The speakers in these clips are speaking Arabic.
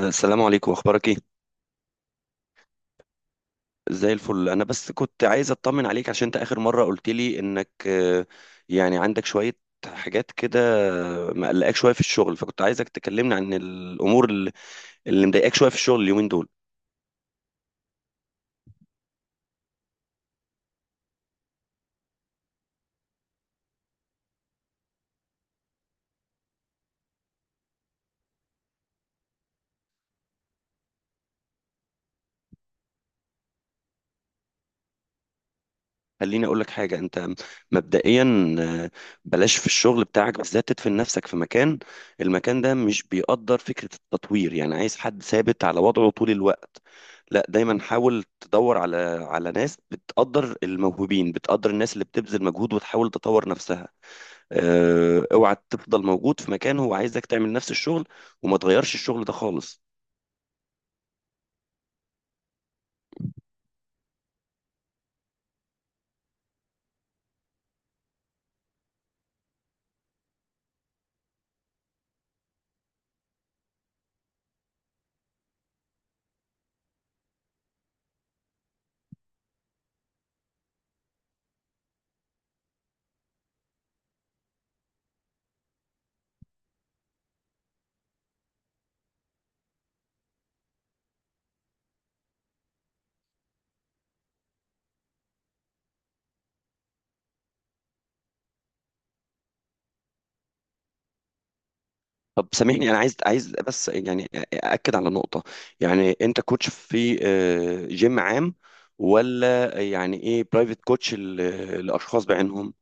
السلام عليكم، اخبارك ايه؟ زي الفل. انا بس كنت عايز اطمن عليك عشان انت اخر مره قلت لي انك يعني عندك شويه حاجات كده مقلقاك شويه في الشغل، فكنت عايزك تكلمني عن الامور اللي مضايقاك شويه في الشغل اليومين دول. خليني اقول لك حاجه. انت مبدئيا بلاش في الشغل بتاعك بالذات تدفن نفسك في مكان. المكان ده مش بيقدر فكره التطوير، يعني عايز حد ثابت على وضعه طول الوقت. لا، دايما حاول تدور على ناس بتقدر الموهوبين، بتقدر الناس اللي بتبذل مجهود وتحاول تطور نفسها. اوعى تفضل موجود في مكان هو عايزك تعمل نفس الشغل وما تغيرش الشغل ده خالص. طب سامحني، انا عايز بس يعني اكد على نقطه. يعني انت كوتش في جيم عام، ولا يعني ايه، برايفت كوتش للاشخاص بعينهم؟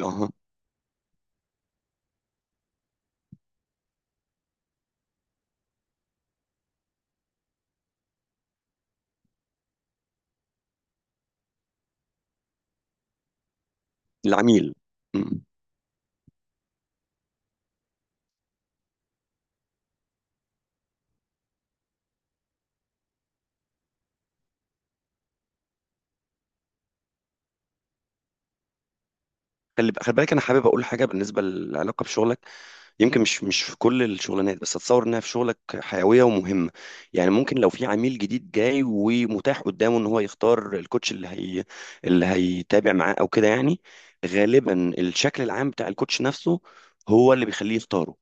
اها. العميل. مم. خلي بالك، انا حابب اقول حاجه بالنسبه للعلاقه بشغلك. يمكن مش في كل الشغلانات، بس اتصور انها في شغلك حيويه ومهمه. يعني ممكن لو في عميل جديد جاي ومتاح قدامه ان هو يختار الكوتش، اللي هيتابع معاه او كده يعني. غالبا الشكل العام بتاع الكوتش نفسه هو اللي بيخليه يختاره.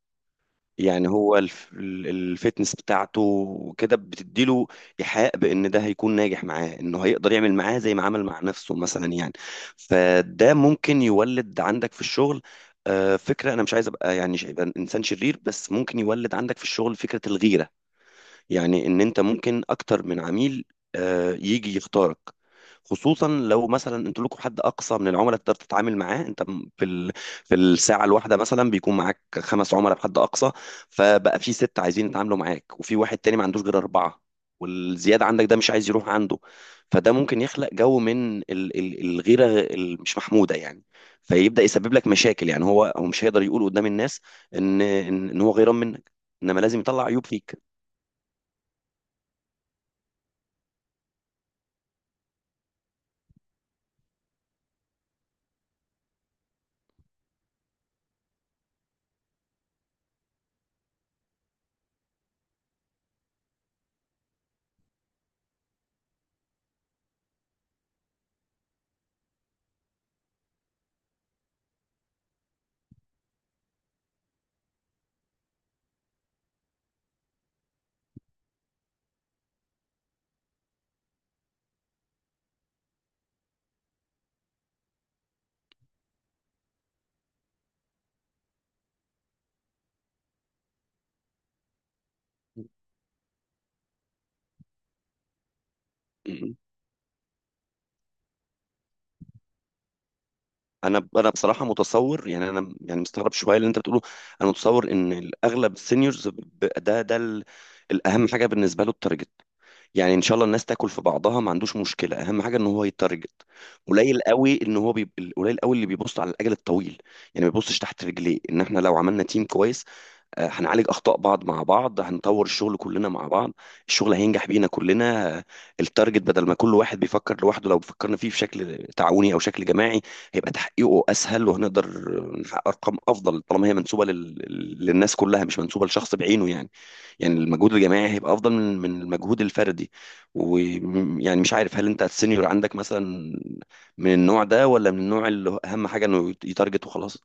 يعني هو الفتنس بتاعته، وكده بتديله إيحاء بإن ده هيكون ناجح معاه، إنه هيقدر يعمل معاه زي ما عمل مع نفسه مثلا يعني. فده ممكن يولد عندك في الشغل فكرة. أنا مش عايز أبقى يعني أبقى إنسان شرير، بس ممكن يولد عندك في الشغل فكرة الغيرة. يعني ان انت ممكن اكتر من عميل يجي يختارك. خصوصا لو مثلا انتوا لكم حد اقصى من العملاء تقدر تتعامل معاه انت، في الساعه الواحده مثلا بيكون معاك خمس عملاء بحد اقصى. فبقى في ست عايزين يتعاملوا معاك، وفي واحد تاني ما عندوش غير اربعه، والزياده عندك ده مش عايز يروح عنده. فده ممكن يخلق جو من الغيره، مش محموده يعني. فيبدا يسبب لك مشاكل. يعني هو مش هيقدر يقول قدام الناس ان ان إن هو غيران منك، انما لازم يطلع عيوب فيك. انا بصراحه متصور، يعني انا، يعني مستغرب شويه اللي انت بتقوله. انا متصور ان الاغلب السينيورز، الاهم حاجه بالنسبه له التارجت. يعني ان شاء الله الناس تاكل في بعضها، ما عندوش مشكله، اهم حاجه ان هو يتارجت. قليل قوي ان هو بيب... قليل قوي اللي بيبص على الاجل الطويل، يعني ما بيبصش تحت رجليه. ان احنا لو عملنا تيم كويس، هنعالج اخطاء بعض مع بعض، هنطور الشغل كلنا مع بعض، الشغل هينجح بينا كلنا. التارجت، بدل ما كل واحد بيفكر لوحده، لو فكرنا فيه بشكل تعاوني او شكل جماعي هيبقى تحقيقه اسهل، وهنقدر نحقق ارقام افضل طالما هي منسوبه للناس كلها، مش منسوبه لشخص بعينه يعني المجهود الجماعي هيبقى افضل من المجهود الفردي. ويعني مش عارف، هل انت السينيور عندك مثلا من النوع ده، ولا من النوع اللي اهم حاجه انه يتارجت وخلاص؟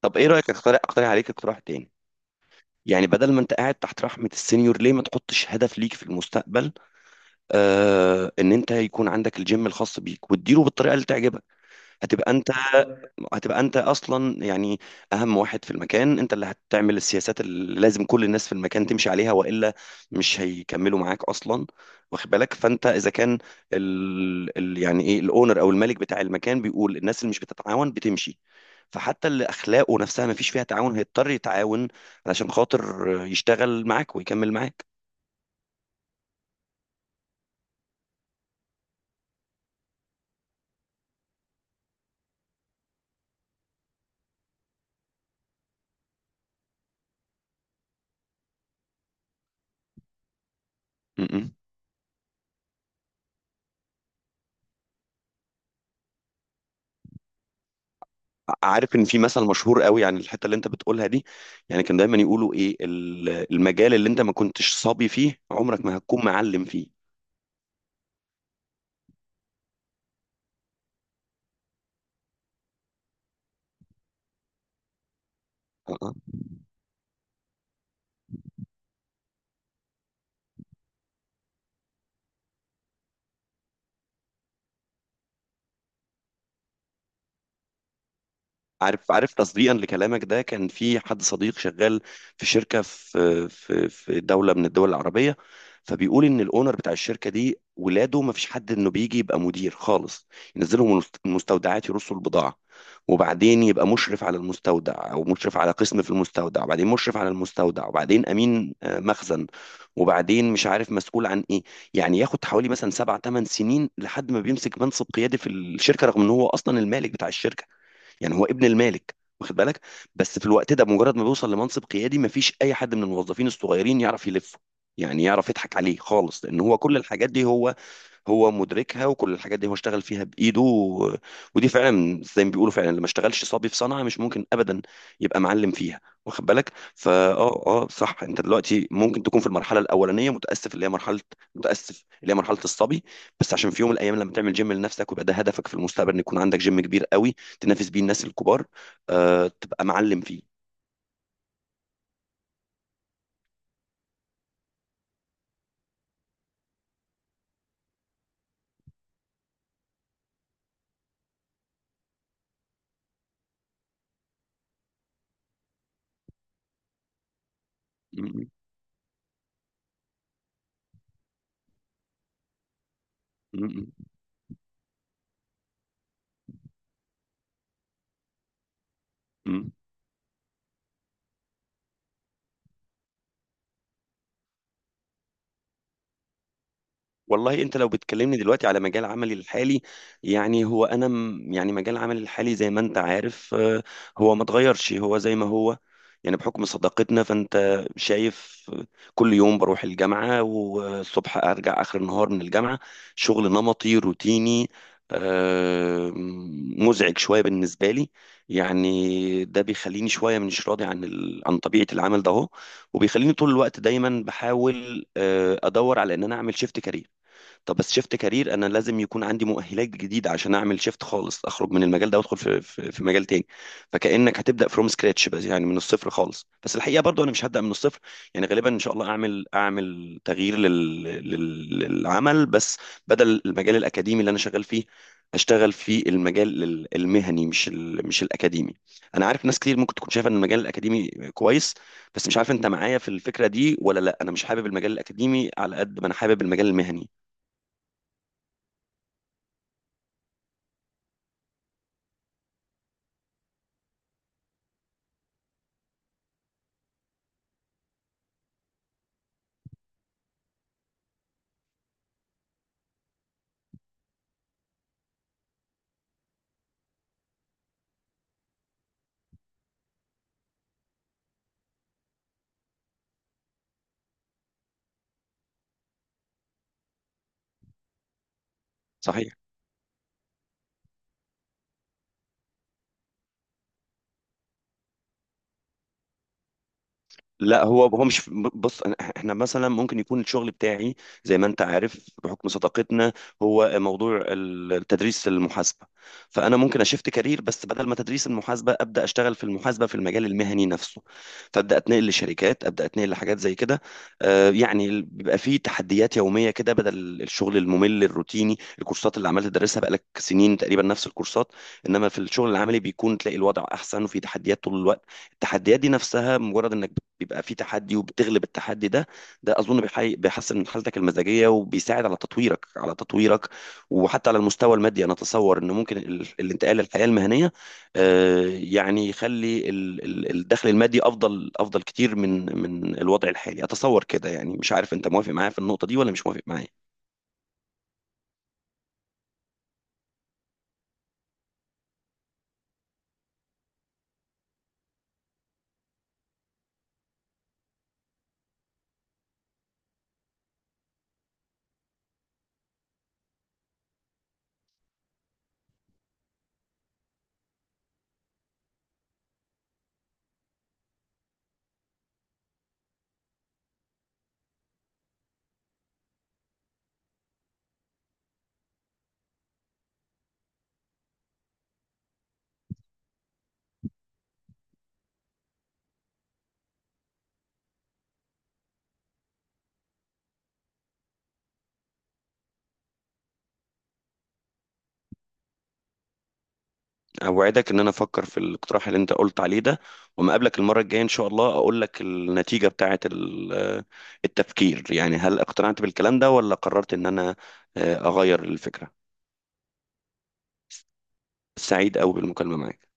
طب ايه رايك، اقترح عليك اقتراح تاني. يعني بدل ما انت قاعد تحت رحمة السينيور، ليه ما تحطش هدف ليك في المستقبل؟ ان انت يكون عندك الجيم الخاص بيك وتديره بالطريقة اللي تعجبك. هتبقى انت هتبقى انت اصلا يعني اهم واحد في المكان. انت اللي هتعمل السياسات اللي لازم كل الناس في المكان تمشي عليها، والا مش هيكملوا معاك اصلا. واخد بالك؟ فانت اذا كان يعني ايه الاونر او الملك بتاع المكان بيقول الناس اللي مش بتتعاون بتمشي، فحتى اللي اخلاقه نفسها ما فيش فيها تعاون هيضطر يتعاون علشان خاطر يشتغل معاك ويكمل معاك. م- عارف ان في مثل مشهور قوي، يعني الحته اللي انت بتقولها دي، يعني كان دايما يقولوا ايه، المجال اللي انت ما كنتش صبي فيه عمرك ما هتكون معلم فيه. عارف عارف، تصديقا لكلامك ده، كان في حد صديق شغال في شركه في دوله من الدول العربيه. فبيقول ان الاونر بتاع الشركه دي ولاده ما فيش حد انه بيجي يبقى مدير خالص. ينزلهم المستودعات، يرصوا البضاعه، وبعدين يبقى مشرف على المستودع، او مشرف على قسم في المستودع، وبعدين مشرف على المستودع، وبعدين امين مخزن، وبعدين مش عارف مسؤول عن ايه. يعني ياخد حوالي مثلا سبع ثمان سنين لحد ما بيمسك منصب قيادي في الشركه، رغم ان هو اصلا المالك بتاع الشركه. يعني هو ابن المالك، واخد بالك؟ بس في الوقت ده مجرد ما بيوصل لمنصب قيادي، مفيش اي حد من الموظفين الصغيرين يعرف يلفه. يعني يعرف يضحك عليه خالص، لان هو كل الحاجات دي هو مدركها، وكل الحاجات دي هو اشتغل فيها بايده. و... ودي فعلا زي ما بيقولوا، فعلا، اللي ما اشتغلش صبي في صنعه مش ممكن ابدا يبقى معلم فيها. واخد بالك؟ فا صح. انت دلوقتي ممكن تكون في المرحله الاولانيه، متاسف اللي هي مرحله الصبي. بس عشان في يوم من الايام لما تعمل جيم لنفسك ويبقى ده هدفك في المستقبل، ان يكون عندك جيم كبير قوي تنافس بيه الناس الكبار، تبقى معلم فيه. م- م- م- م- والله انت لو بتكلمني دلوقتي على مجال عملي الحالي، يعني هو انا يعني مجال عملي الحالي زي ما انت عارف، هو ما اتغيرش، هو زي ما هو. يعني بحكم صداقتنا فانت شايف، كل يوم بروح الجامعة والصبح ارجع اخر النهار من الجامعة. شغل نمطي روتيني، مزعج شوية بالنسبة لي. يعني ده بيخليني شوية مش راضي عن عن طبيعة العمل ده اهو، وبيخليني طول الوقت دايما بحاول ادور على ان انا اعمل شيفت كارير. طب بس شيفت كارير انا لازم يكون عندي مؤهلات جديده عشان اعمل شيفت خالص، اخرج من المجال ده وادخل في مجال تاني. فكانك هتبدا فروم سكراتش، بس يعني من الصفر خالص. بس الحقيقه برضو انا مش هبدا من الصفر. يعني غالبا ان شاء الله اعمل تغيير للعمل. بس بدل المجال الاكاديمي اللي انا شغال فيه اشتغل في المجال المهني، مش مش الاكاديمي. انا عارف ناس كتير ممكن تكون شايفه ان المجال الاكاديمي كويس، بس مش عارف انت معايا في الفكره دي ولا لا. انا مش حابب المجال الاكاديمي على قد ما انا حابب المجال المهني. صحيح. لا، هو مش. بص، احنا مثلا ممكن يكون الشغل بتاعي، زي ما انت عارف بحكم صداقتنا، هو موضوع تدريس المحاسبه. فانا ممكن اشفت كارير، بس بدل ما تدريس المحاسبه ابدا اشتغل في المحاسبه في المجال المهني نفسه. فابدا اتنقل لشركات، ابدا اتنقل لحاجات زي كده. يعني بيبقى فيه تحديات يوميه كده بدل الشغل الممل الروتيني، الكورسات اللي عمال تدرسها بقالك سنين تقريبا نفس الكورسات. انما في الشغل العملي بيكون تلاقي الوضع احسن وفي تحديات طول الوقت. التحديات دي نفسها، مجرد انك بيبقى في تحدي وبتغلب التحدي ده، ده اظن بيحسن من حالتك المزاجيه، وبيساعد على تطويرك. وحتى على المستوى المادي انا اتصور ان ممكن الانتقال للحياه المهنيه، يعني يخلي الدخل المادي افضل كتير من الوضع الحالي، اتصور كده. يعني مش عارف انت موافق معايا في النقطه دي ولا مش موافق معايا. اوعدك ان انا افكر في الاقتراح اللي انت قلت عليه ده، وما اقابلك المره الجايه ان شاء الله اقول لك النتيجه بتاعه التفكير. يعني هل اقتنعت بالكلام ده، ولا قررت ان انا اغير الفكره. سعيد قوي بالمكالمه معاك.